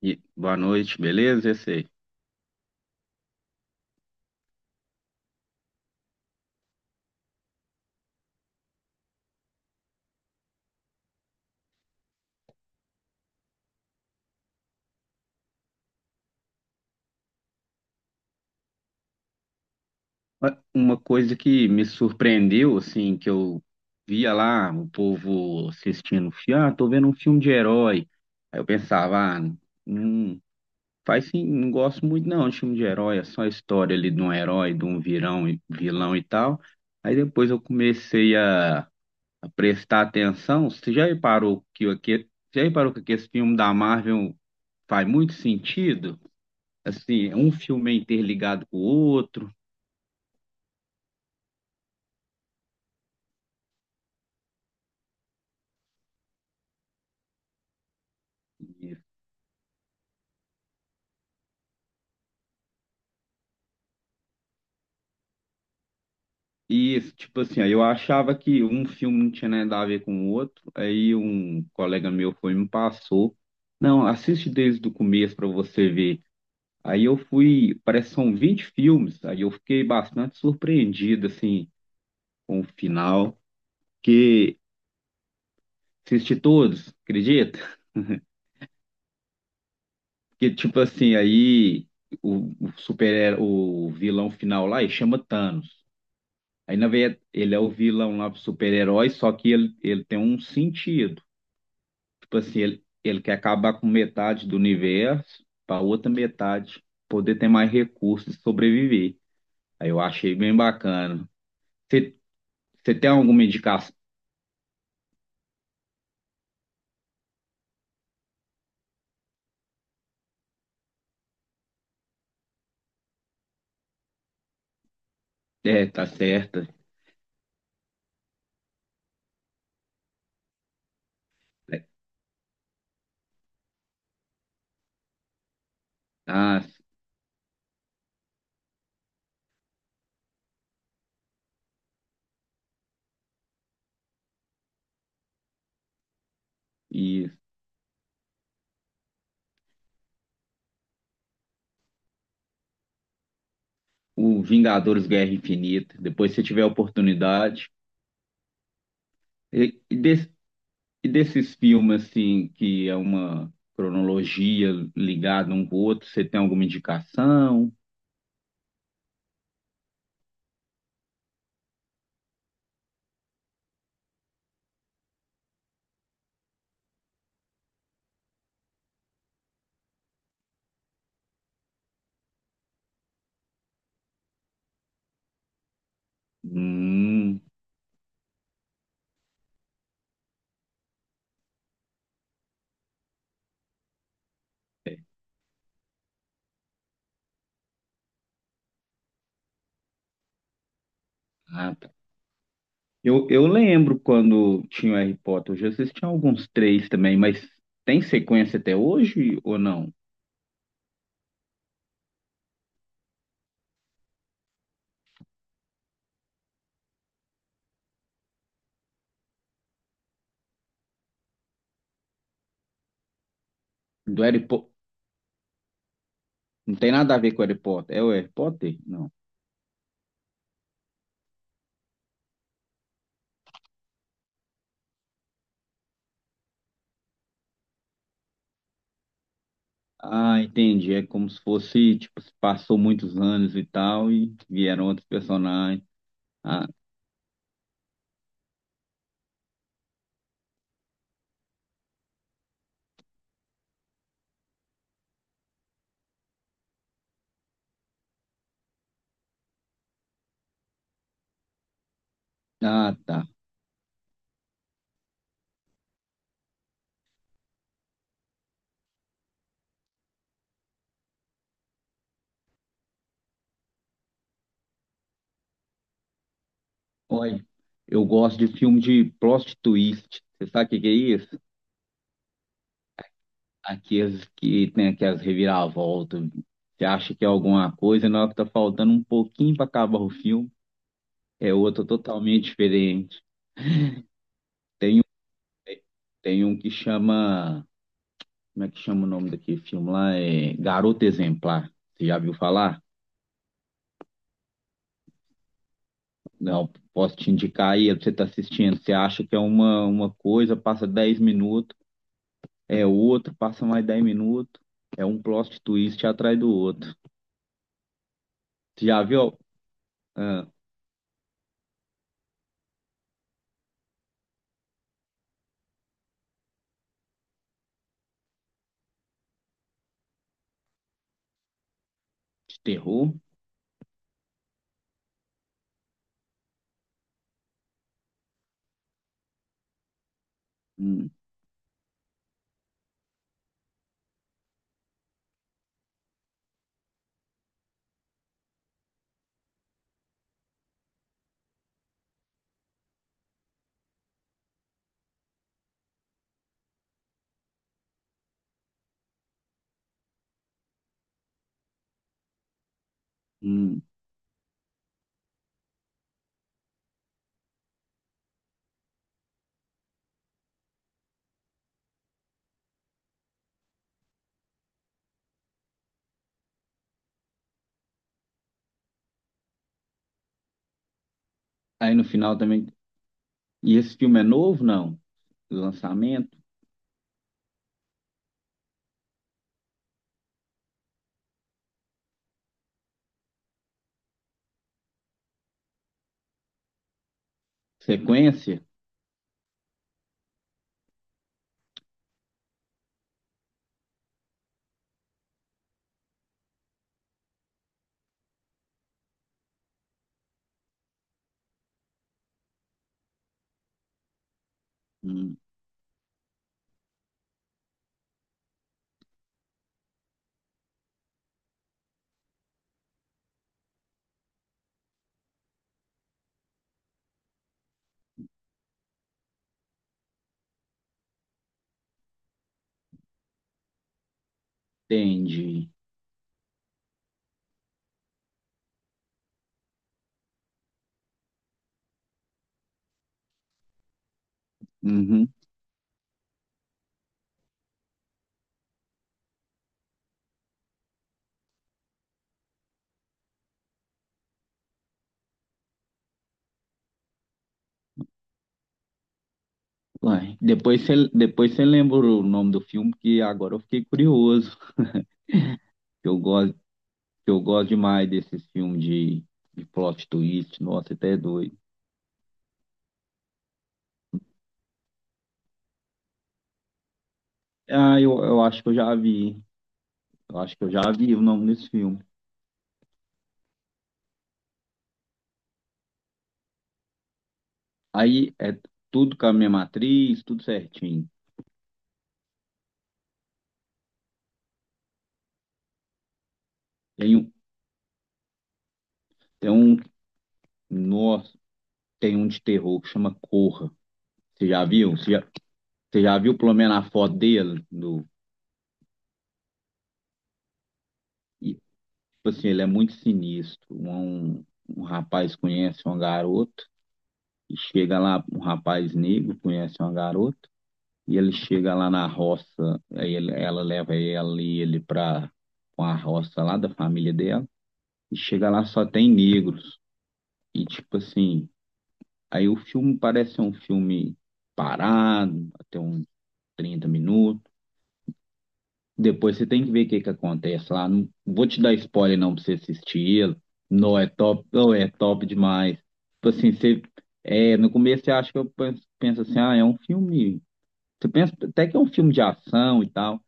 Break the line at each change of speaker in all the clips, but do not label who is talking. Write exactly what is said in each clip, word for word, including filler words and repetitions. E boa noite, beleza? Esse aí. Uma uma coisa que me surpreendeu, assim, que eu via lá o povo assistindo, fi- ah, tô vendo um filme de herói. Aí eu pensava, ah, não faz sim, não gosto muito não de filme de herói, é só a história ali de um herói, de um virão, e- vilão e tal. Aí depois eu comecei a, a prestar atenção. Você já reparou que, o- que, já reparou que esse filme da Marvel faz muito sentido? Assim, é um filme é interligado com o outro. E, e, tipo assim, aí eu achava que um filme não tinha nada a ver com o outro. Aí um colega meu foi e me passou. Não, assiste desde o começo para você ver. Aí eu fui, parece que são vinte filmes. Aí eu fiquei bastante surpreendido, assim, com o final. Que assisti todos, acredita? Que, tipo assim, aí o, o super, o vilão final lá, ele chama Thanos. Aí, na verdade, ele é o vilão lá, o super-herói, só que ele, ele tem um sentido. Tipo assim, ele, ele quer acabar com metade do universo para outra metade poder ter mais recursos e sobreviver. Aí eu achei bem bacana. Você você tem alguma indicação? É, tá certa. É, ah, e o Vingadores Guerra Infinita. Depois, se tiver oportunidade. E, e desse- E desses filmes, assim, que é uma cronologia ligada um com o outro, você tem alguma indicação? Hum, ah, tá. Eu, eu lembro quando tinha o Harry Potter, eu já assisti alguns três também, mas tem sequência até hoje ou não? Do Harry Potter, não tem nada a ver com o Harry Potter. É o Harry Potter? Não. Ah, entendi. É como se fosse, tipo, se passou muitos anos e tal e vieram outros personagens. Ah, ah, tá. Olha, eu gosto de filme de plot twist. Você sabe o que que é isso? Aqueles que tem aquelas reviravoltas. Você acha que é alguma coisa, na hora que tá faltando um pouquinho para acabar o filme, é outro totalmente diferente. Tem um que chama. Como é que chama o nome daquele filme lá? É Garota Exemplar. Você já viu falar? Não, posso te indicar aí, você tá assistindo. Você acha que é uma, uma coisa, passa dez minutos, é outro, passa mais dez minutos. É um plot twist atrás do outro. Tu já viu ah, de terror? Hum, hum. Aí no final também. E esse filme é novo, não? Lançamento? Sequência? Hum, entendi. Uhum. Uai, depois você depois você lembra o nome do filme, que agora eu fiquei curioso. Eu gosto, eu gosto demais desses filmes de, de plot twist. Nossa, até é doido. Ah, eu, eu acho que eu já vi. Eu acho que eu já vi o nome desse filme. Aí é tudo com a mesma atriz, tudo certinho. Tem um, tem um Nossa, tem um de terror que chama Corra. Você já viu? Você já, você já viu pelo menos a foto dele? Do, e, tipo assim, ele é muito sinistro. Um, um rapaz conhece uma garota e chega lá, um rapaz negro conhece uma garota e ele chega lá na roça, aí ele- ela leva ela e ele pra uma roça lá da família dela e chega lá só tem negros. E tipo assim, aí o filme parece um filme parado, até uns trinta minutos. Depois você tem que ver o que que acontece lá. Não vou te dar spoiler não pra você assistir. Não é top, não é top demais. Tipo assim, você, é, no começo você acha que eu penso, penso assim, ah, é um filme. Você pensa até que é um filme de ação e tal.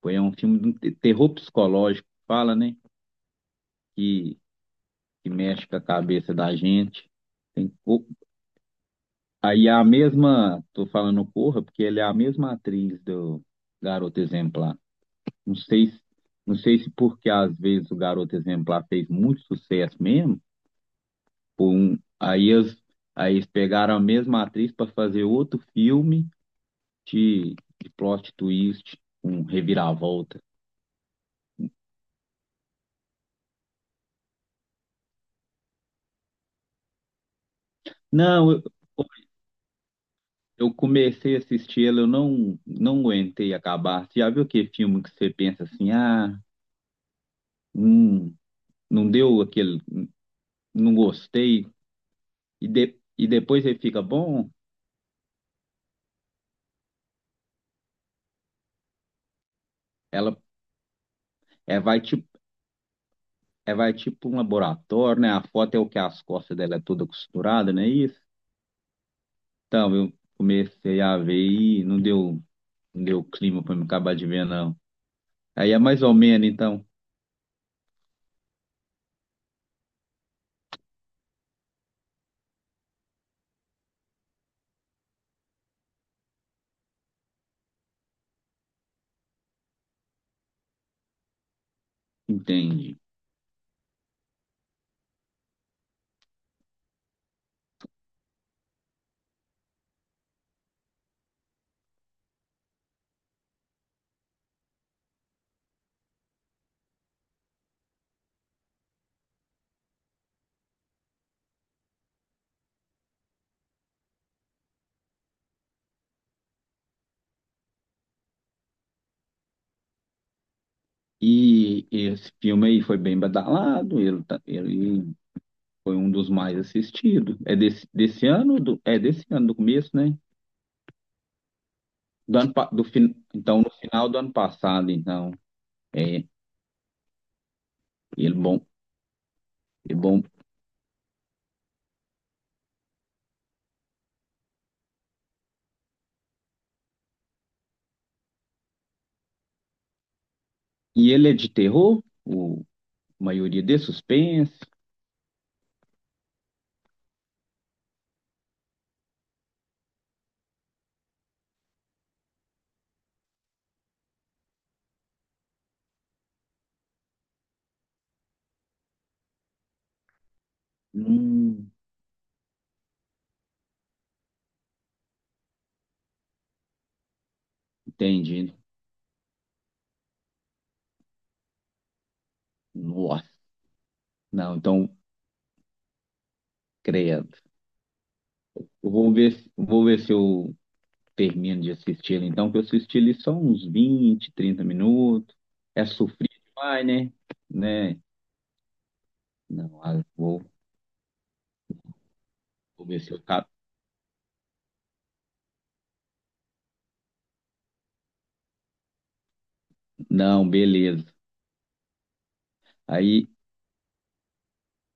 Foi é um filme de um te- terror psicológico, fala, né? Que, que mexe com a cabeça da gente. Tem, o- aí a mesma, tô falando Corra, porque ele é a mesma atriz do Garota Exemplar. Não sei, se- não sei se porque às vezes o Garoto Exemplar fez muito sucesso mesmo, por um- aí eles, aí eles pegaram a mesma atriz para fazer outro filme de, de plot twist, um reviravolta. Não, eu, eu comecei a assistir ele, eu não, não aguentei acabar. Você já viu aquele filme que você pensa assim, ah, hum, não deu aquele, não gostei, e, de, e depois ele fica bom? Ela é, vai te É, vai tipo um laboratório, né? A foto é o que as costas dela é toda costurada, não é isso? Então, eu comecei a ver e não deu, não deu, clima para me acabar de ver, não. Aí é mais ou menos, então, entende? E esse filme aí foi bem badalado, ele, tá- ele foi um dos mais assistidos. É desse, desse ano, do, é desse ano, do começo, né? Do ano, pa- do, fin- então, no final do ano passado, então, é, ele bom, ele bom. E ele é de terror, o a maioria é de suspense. Hum, entendi. Nossa. Não, então, credo. Eu vou ver, se- vou ver se eu termino de assistir então, que eu assisti ele só uns vinte, trinta minutos. É sofrido demais, né? Né? Não, ah, vou, vou ver se eu cap... Não, beleza. Aí,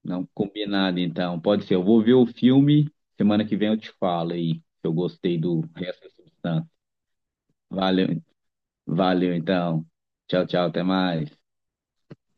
não, combinado, então. Pode ser. Eu vou ver o filme, semana que vem eu te falo aí, se eu gostei do resto da substância. Valeu, valeu, então. Tchau, tchau, até mais.